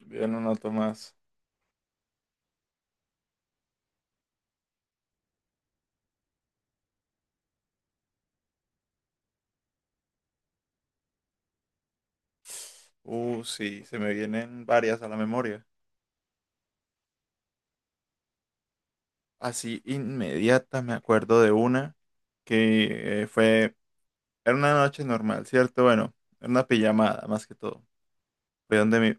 Bien, una nota más. Sí, se me vienen varias a la memoria. Así inmediata me acuerdo de una que era una noche normal, ¿cierto? Bueno, era una pijamada más que todo. Fue donde mi,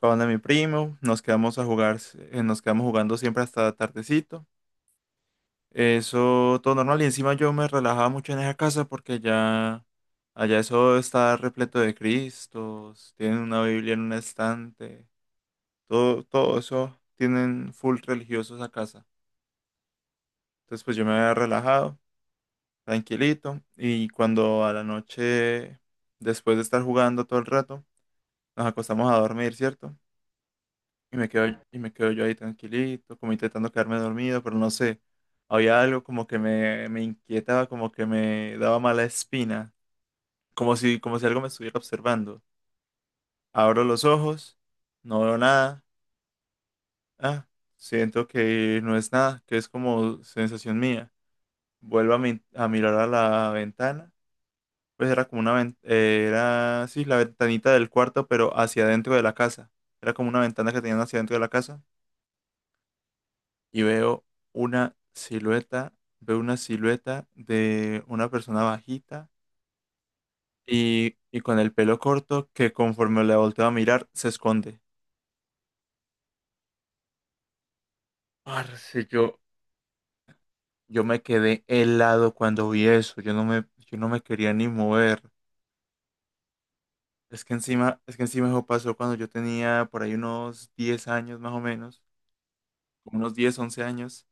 fue donde mi primo, nos quedamos a jugar, nos quedamos jugando siempre hasta tardecito. Eso todo normal y encima yo me relajaba mucho en esa casa porque allá eso está repleto de Cristos, tienen una Biblia en un estante. Todo eso tienen full religiosos a casa. Entonces, pues yo me había relajado, tranquilito, y cuando a la noche, después de estar jugando todo el rato, nos acostamos a dormir, ¿cierto? Y me quedo yo ahí tranquilito, como intentando quedarme dormido, pero no sé, había algo como que me inquietaba, como que me daba mala espina, como si algo me estuviera observando. Abro los ojos, no veo nada, ah, siento que no es nada, que es como sensación mía. Vuelvo a mirar a la ventana. Pues era como sí, la ventanita del cuarto, pero hacia adentro de la casa. Era como una ventana que tenían hacia adentro de la casa. Y una silueta, veo una silueta de una persona bajita y con el pelo corto que conforme le volteo a mirar, se esconde. Parce, yo me quedé helado cuando vi eso. Yo no me quería ni mover. Es que encima eso pasó cuando yo tenía por ahí unos 10 años más o menos, como unos diez once años.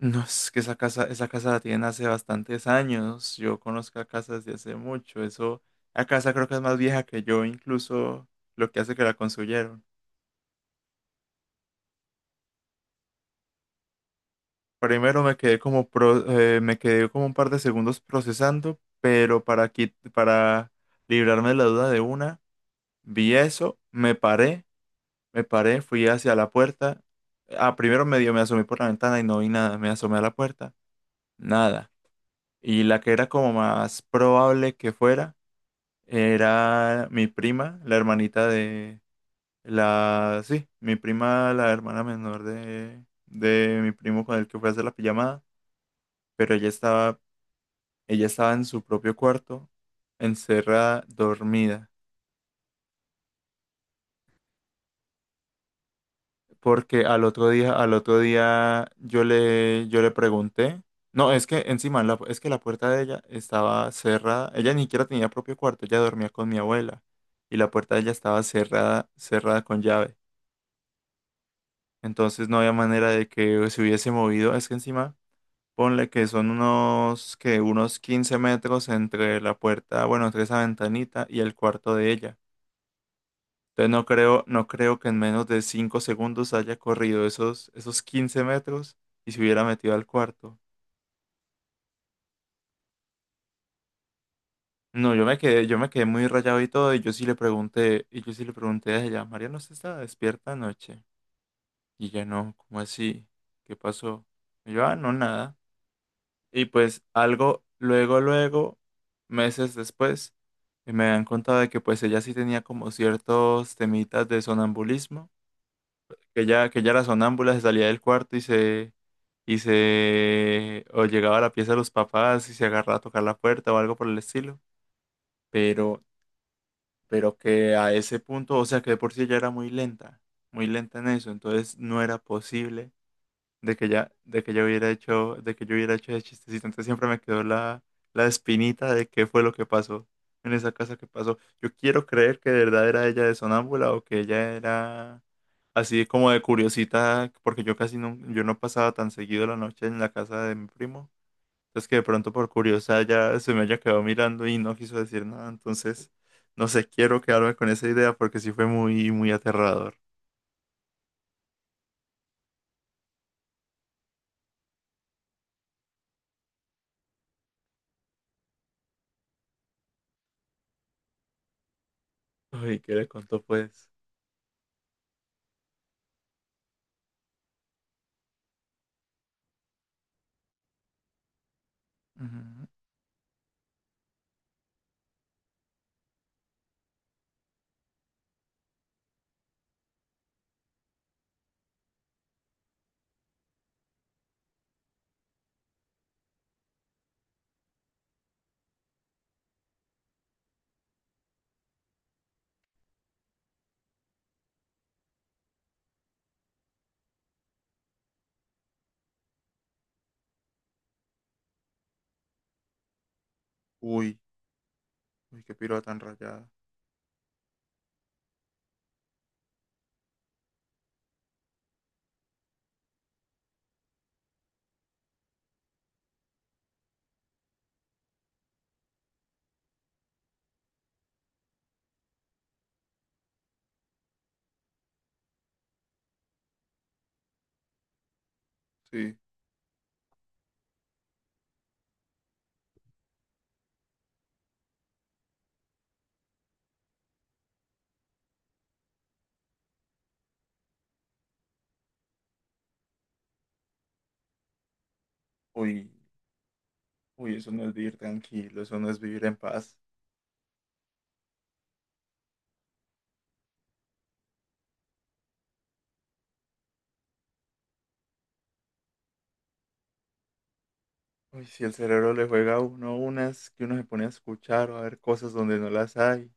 No, es que esa casa la tienen hace bastantes años. Yo conozco la casa desde hace mucho. Eso, la casa creo que es más vieja que yo, incluso lo que hace que la construyeron. Primero me quedé como un par de segundos procesando, pero para librarme de la duda de una, vi eso, me paré. Me paré, fui hacia la puerta. Primero medio me asomé por la ventana y no vi nada. Me asomé a la puerta, nada. Y la que era como más probable que fuera era mi prima, la hermanita de la... Sí, mi prima, la hermana menor de mi primo con el que fue a hacer la pijamada. Pero ella estaba en su propio cuarto, encerrada, dormida. Porque al otro día yo le pregunté, no, es que encima, es que la puerta de ella estaba cerrada, ella ni siquiera tenía propio cuarto, ella dormía con mi abuela y la puerta de ella estaba cerrada, cerrada con llave, entonces no había manera de que se hubiese movido, es que encima, ponle que son unos 15 metros entre la puerta, bueno, entre esa ventanita y el cuarto de ella. Entonces no creo que en menos de 5 segundos haya corrido esos 15 metros y se hubiera metido al cuarto. No, yo me quedé muy rayado y todo, y yo sí le pregunté, y yo sí le pregunté a ella, María, ¿no se estaba despierta anoche? Y ella no, ¿cómo así? ¿Qué pasó? Y yo, ah, no, nada. Y pues algo, luego, meses después, me han contado de que pues ella sí tenía como ciertos temitas de sonambulismo, que ya era sonámbula, se salía del cuarto y o llegaba a la pieza de los papás y se agarraba a tocar la puerta o algo por el estilo. Pero, pero que a ese punto, o sea, que de por sí ya era muy lenta en eso, entonces no era posible de que yo hubiera hecho ese chistecito. Entonces siempre me quedó la espinita de qué fue lo que pasó en esa casa que pasó. Yo quiero creer que de verdad era ella de sonámbula o que ella era así como de curiosita, porque yo no pasaba tan seguido la noche en la casa de mi primo. Entonces que de pronto por curiosa ya se me haya quedado mirando y no quiso decir nada. Entonces, no sé, quiero quedarme con esa idea porque sí fue muy, muy aterrador. Uy, ¿qué le contó pues? Ujú. Uy, uy, qué piroa tan rayada. Sí, uy, uy, eso no es vivir tranquilo, eso no es vivir en paz. Uy, si el cerebro le juega a uno unas que uno se pone a escuchar o a ver cosas donde no las hay.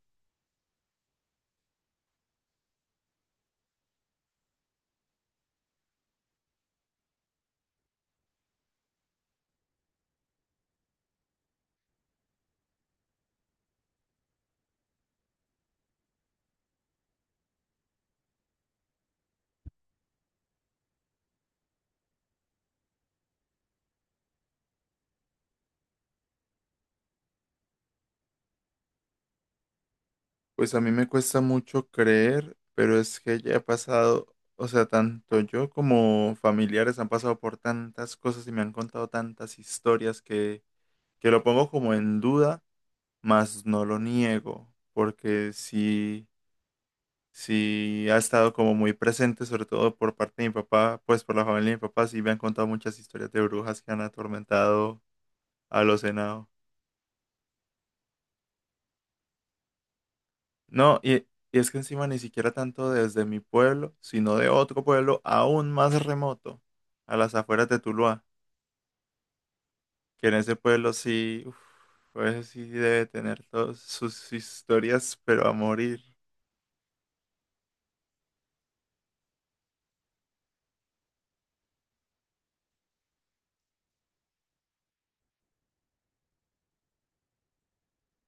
Pues a mí me cuesta mucho creer, pero es que ya he pasado, o sea, tanto yo como familiares han pasado por tantas cosas y me han contado tantas historias que, lo pongo como en duda, mas no lo niego, porque sí, sí ha estado como muy presente, sobre todo por parte de mi papá, pues por la familia de mi papá, sí me han contado muchas historias de brujas que han atormentado a los enanos. No, y es que encima ni siquiera tanto desde mi pueblo, sino de otro pueblo aún más remoto, a las afueras de Tuluá, que en ese pueblo sí, uf, pues sí debe tener todas sus historias, pero a morir.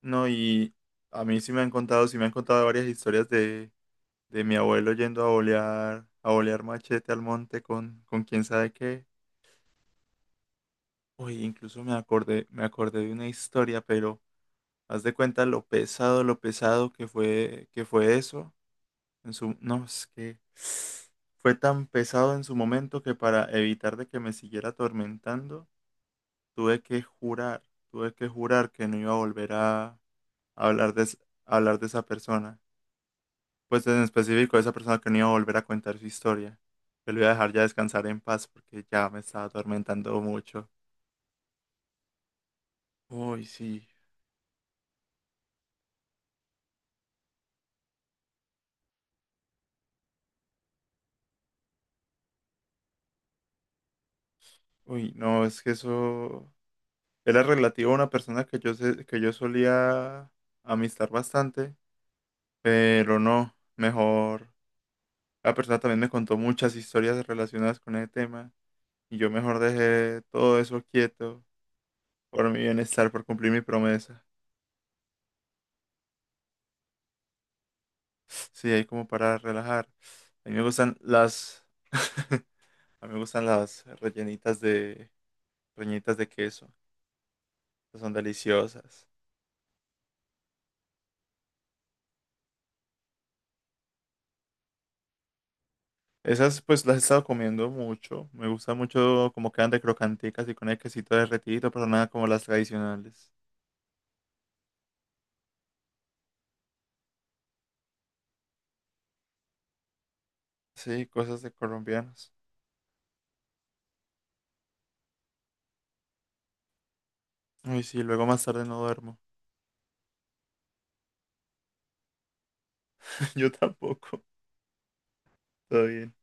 No, y a mí sí me han contado varias historias de mi abuelo yendo a bolear machete al monte con quién sabe qué. Uy, incluso me acordé de una historia, pero... Haz de cuenta lo pesado que fue eso. No, es que fue tan pesado en su momento que para evitar de que me siguiera atormentando, tuve que jurar, tuve que jurar que no iba a volver a hablar de, es- a hablar de esa persona. Pues en específico, esa persona que no iba a volver a contar su historia. Que lo iba a dejar ya descansar en paz porque ya me estaba atormentando mucho. Uy, sí. Uy, no, es que eso. Era relativo a una persona que yo solía amistar bastante, pero no, mejor. La persona también me contó muchas historias relacionadas con ese tema y yo mejor dejé todo eso quieto por mi bienestar, por cumplir mi promesa. Sí, ahí como para relajar. A mí me gustan las... A mí me gustan las rellenitas de queso. Son deliciosas. Esas pues las he estado comiendo mucho. Me gusta mucho como quedan de crocanticas y con el quesito derretido, pero nada como las tradicionales. Sí, cosas de colombianos. Uy, sí, luego más tarde no duermo. Yo tampoco. Todo bien.